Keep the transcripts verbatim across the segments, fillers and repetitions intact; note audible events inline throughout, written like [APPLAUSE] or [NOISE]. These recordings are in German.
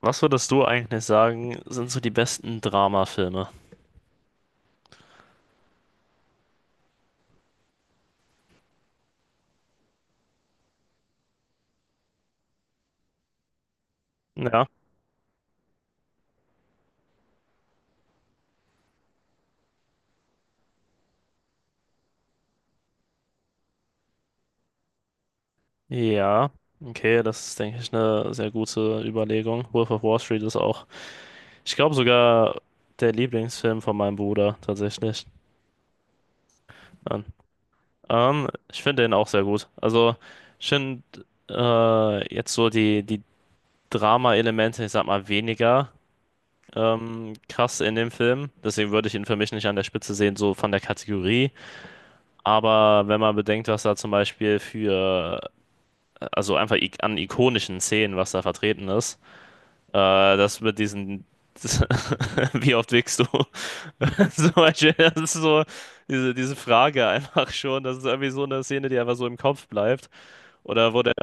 Was würdest du eigentlich sagen, sind so die besten Dramafilme? Ja. Ja, okay, das ist, denke ich, eine sehr gute Überlegung. Wolf of Wall Street ist auch, ich glaube, sogar der Lieblingsfilm von meinem Bruder tatsächlich. Dann. Ähm, ich finde den auch sehr gut. Also, ich finde äh, jetzt so die, die Drama-Elemente, ich sag mal, weniger ähm, krass in dem Film. Deswegen würde ich ihn für mich nicht an der Spitze sehen, so von der Kategorie. Aber wenn man bedenkt, was da zum Beispiel für, also einfach ik an ikonischen Szenen, was da vertreten ist. Äh, das mit diesen, [LAUGHS] wie oft wickst du? [LAUGHS] Zum Beispiel, das ist so diese, diese Frage einfach schon. Das ist irgendwie so eine Szene, die einfach so im Kopf bleibt. Oder wo der,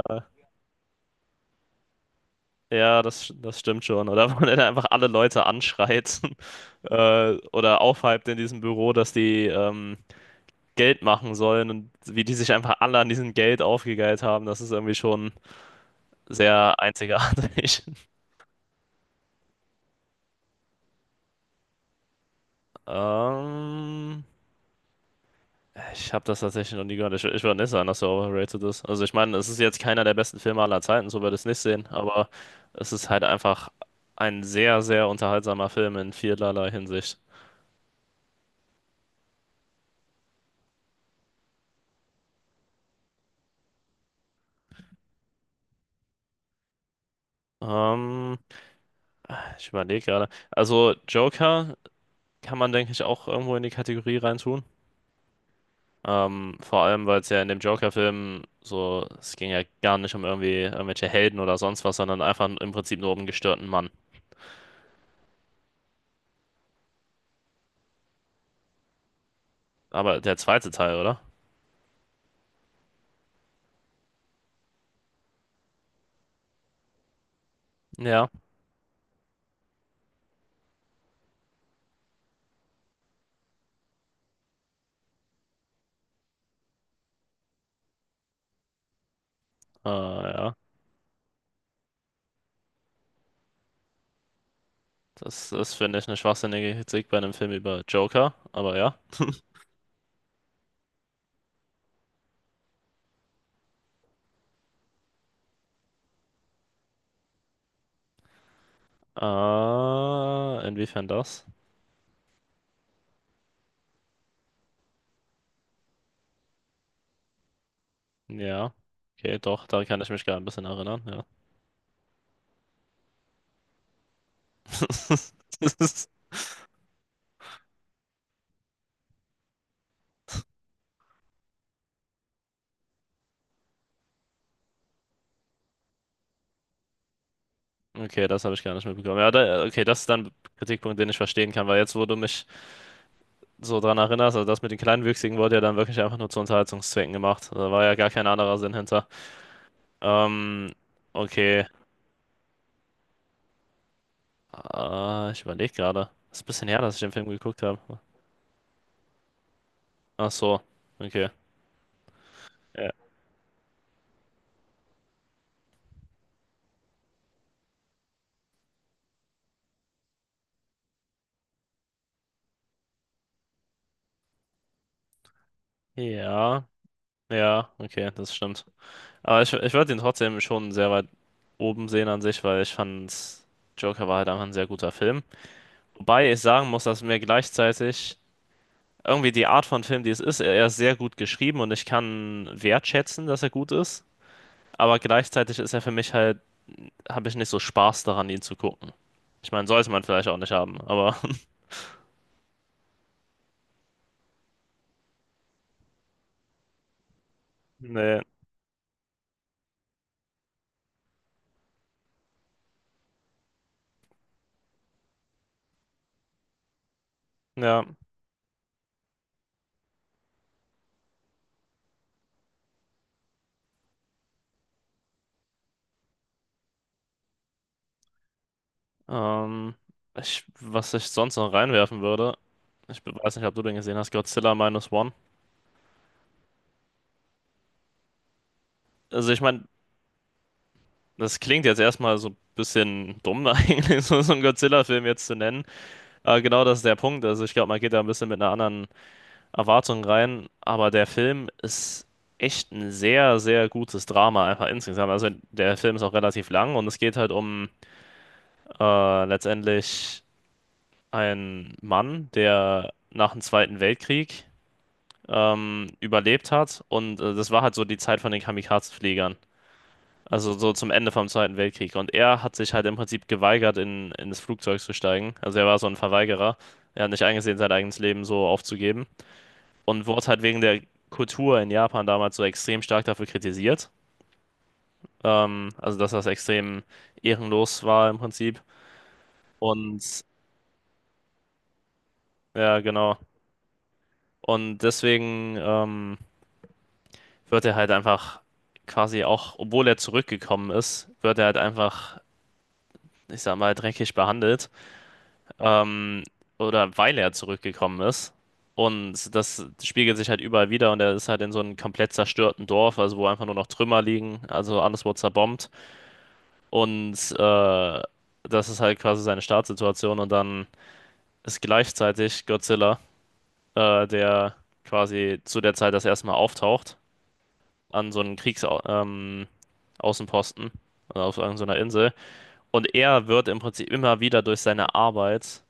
ja, das, das stimmt schon. Oder wo der dann einfach alle Leute anschreit, [LAUGHS] äh, oder aufhypt in diesem Büro, dass die ähm, Geld machen sollen, und wie die sich einfach alle an diesem Geld aufgegeilt haben. Das ist irgendwie schon sehr einzigartig. [LAUGHS] Ähm, Ich habe das tatsächlich noch nie gehört. Ich, ich würde nicht sagen, dass er overrated ist. Also ich meine, es ist jetzt keiner der besten Filme aller Zeiten, so würde ich es nicht sehen, aber es ist halt einfach ein sehr, sehr unterhaltsamer Film in vielerlei Hinsicht. Ähm, Ich überlege gerade. Also Joker kann man, denke ich, auch irgendwo in die Kategorie reintun. Ähm, vor allem, weil es ja in dem Joker-Film so, es ging ja gar nicht um irgendwie irgendwelche Helden oder sonst was, sondern einfach im Prinzip nur um einen gestörten Mann. Aber der zweite Teil, oder? Ja. Ah, ja. Das ist, finde ich, eine schwachsinnige Kritik bei einem Film über Joker, aber ja. Ah, inwiefern das? Ja. Okay, doch, da kann ich mich gerade ein bisschen erinnern, ja. [LAUGHS] Okay, das habe ich gar nicht mitbekommen. Ja, da, okay, das ist dann ein Kritikpunkt, den ich verstehen kann, weil jetzt, wo du mich so dran erinnerst, also das mit den Kleinwüchsigen wurde ja dann wirklich einfach nur zu Unterhaltungszwecken gemacht. Da war ja gar kein anderer Sinn hinter. Ähm, okay. Ah, ich überlege gerade. Ist ein bisschen her, dass ich den Film geguckt habe. Ach so, okay. Ja. Ja, ja, okay, das stimmt. Aber ich, ich würde ihn trotzdem schon sehr weit oben sehen an sich, weil ich fand, Joker war halt einfach ein sehr guter Film. Wobei ich sagen muss, dass mir gleichzeitig irgendwie die Art von Film, die es ist, er er ist sehr gut geschrieben, und ich kann wertschätzen, dass er gut ist. Aber gleichzeitig ist er für mich halt, habe ich nicht so Spaß daran, ihn zu gucken. Ich meine, sollte man vielleicht auch nicht haben, aber [LAUGHS] nee, ja. Ähm, ich, was ich sonst noch reinwerfen würde, ich be- weiß nicht, ob du den gesehen hast: Godzilla Minus One. Also ich meine, das klingt jetzt erstmal so ein bisschen dumm [LAUGHS] eigentlich, so, so, einen Godzilla-Film jetzt zu nennen. Aber genau das ist der Punkt. Also ich glaube, man geht da ein bisschen mit einer anderen Erwartung rein. Aber der Film ist echt ein sehr, sehr gutes Drama einfach insgesamt. Also der Film ist auch relativ lang, und es geht halt um äh, letztendlich einen Mann, der nach dem Zweiten Weltkrieg ähm, überlebt hat. Und äh, das war halt so die Zeit von den Kamikaze-Fliegern. Also so zum Ende vom Zweiten Weltkrieg. Und er hat sich halt im Prinzip geweigert, in, in das Flugzeug zu steigen. Also er war so ein Verweigerer. Er hat nicht eingesehen, sein eigenes Leben so aufzugeben. Und wurde halt wegen der Kultur in Japan damals so extrem stark dafür kritisiert. Ähm, also dass das extrem ehrenlos war im Prinzip. Und ja, genau. Und deswegen, ähm, wird er halt einfach quasi auch, obwohl er zurückgekommen ist, wird er halt einfach, ich sag mal, dreckig behandelt. Ähm, oder weil er zurückgekommen ist. Und das spiegelt sich halt überall wieder, und er ist halt in so einem komplett zerstörten Dorf, also wo einfach nur noch Trümmer liegen, also alles wurde zerbombt. Und äh, das ist halt quasi seine Startsituation. Und dann ist gleichzeitig Godzilla, äh, der quasi zu der Zeit das erste Mal auftaucht an so einen Kriegsaußenposten, ähm, Außenposten, also auf irgendeiner Insel. Und er wird im Prinzip immer wieder durch seine Arbeit,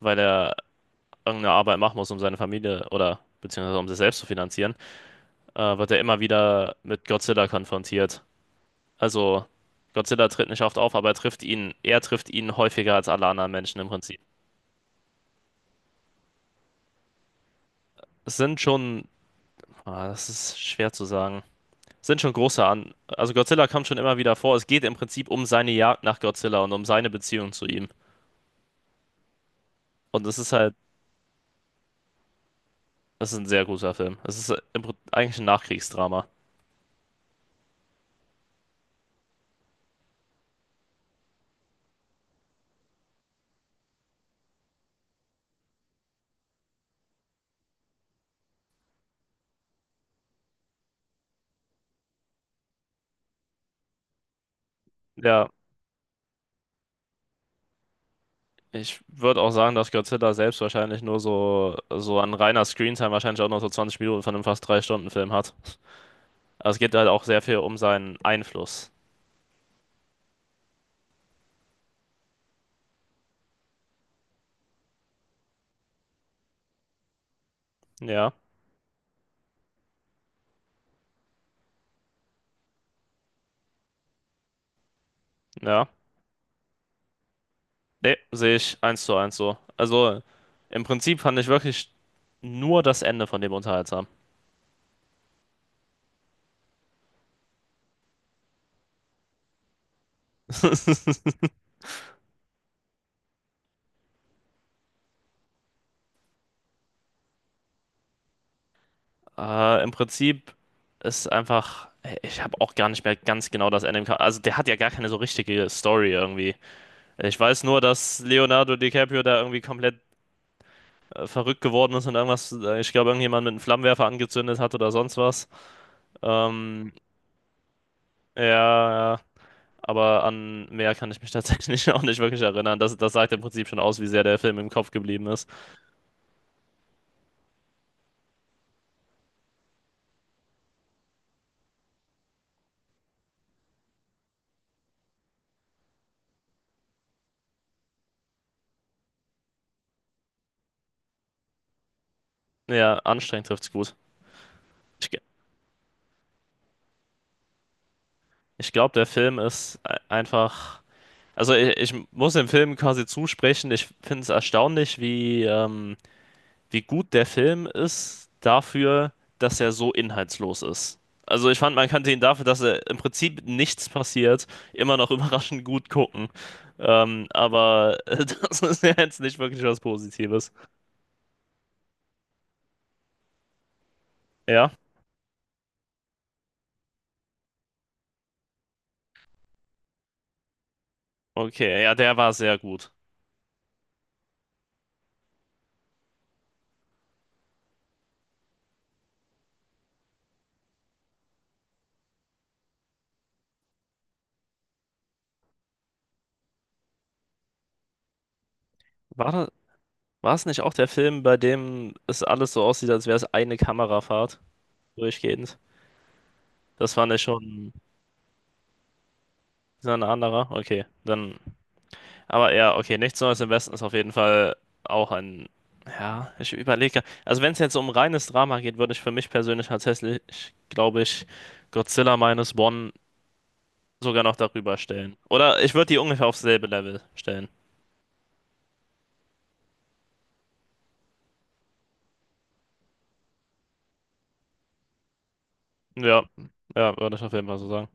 weil er irgendeine Arbeit machen muss, um seine Familie oder beziehungsweise um sich selbst zu finanzieren, äh, wird er immer wieder mit Godzilla konfrontiert. Also Godzilla tritt nicht oft auf, aber er trifft ihn, er trifft ihn häufiger als alle anderen Menschen im Prinzip. Es sind schon, ah, das ist schwer zu sagen. Es sind schon große an. Also Godzilla kommt schon immer wieder vor. Es geht im Prinzip um seine Jagd nach Godzilla und um seine Beziehung zu ihm. Und es ist halt, es ist ein sehr guter Film. Es ist im Prin- eigentlich ein Nachkriegsdrama. Ja, ich würde auch sagen, dass Godzilla selbst wahrscheinlich nur so, so, an reiner Screentime wahrscheinlich auch nur so zwanzig Minuten von einem fast drei Stunden Film hat. Aber es geht halt auch sehr viel um seinen Einfluss. Ja, ja. Nee, sehe ich eins zu eins so. Also im Prinzip fand ich wirklich nur das Ende von dem unterhaltsam. [LAUGHS] Äh, im Prinzip ist einfach, ich habe auch gar nicht mehr ganz genau das Ende im Kopf. Also der hat ja gar keine so richtige Story irgendwie. Ich weiß nur, dass Leonardo DiCaprio da irgendwie komplett äh, verrückt geworden ist und irgendwas, äh, ich glaube, irgendjemand mit einem Flammenwerfer angezündet hat oder sonst was. Ähm, ja, ja, aber an mehr kann ich mich tatsächlich [LAUGHS] auch nicht wirklich erinnern. Das, das sagt im Prinzip schon aus, wie sehr der Film im Kopf geblieben ist. Ja, anstrengend trifft's gut. Ich, ge- ich glaube, der Film ist ei- einfach. Also, ich, ich muss dem Film quasi zusprechen. Ich finde es erstaunlich, wie. Ähm, wie gut der Film ist dafür, dass er so inhaltslos ist. Also ich fand, man kannte ihn dafür, dass er, im Prinzip nichts passiert, immer noch [LAUGHS] überraschend gut gucken. Ähm, aber äh, [LAUGHS] das ist ja jetzt nicht wirklich was Positives. Ja, okay, ja, der war sehr gut. War das, war es nicht auch der Film, bei dem es alles so aussieht, als wäre es eine Kamerafahrt durchgehend? Das war nicht schon ist das ein anderer? Okay, dann. Aber ja, okay, nichts Neues im Westen ist auf jeden Fall auch ein. Ja, ich überlege. Also, wenn es jetzt um reines Drama geht, würde ich für mich persönlich tatsächlich, glaube ich, Godzilla Minus One sogar noch darüber stellen. Oder ich würde die ungefähr aufs selbe Level stellen. Ja, ja, würde ich auf jeden Fall so sagen.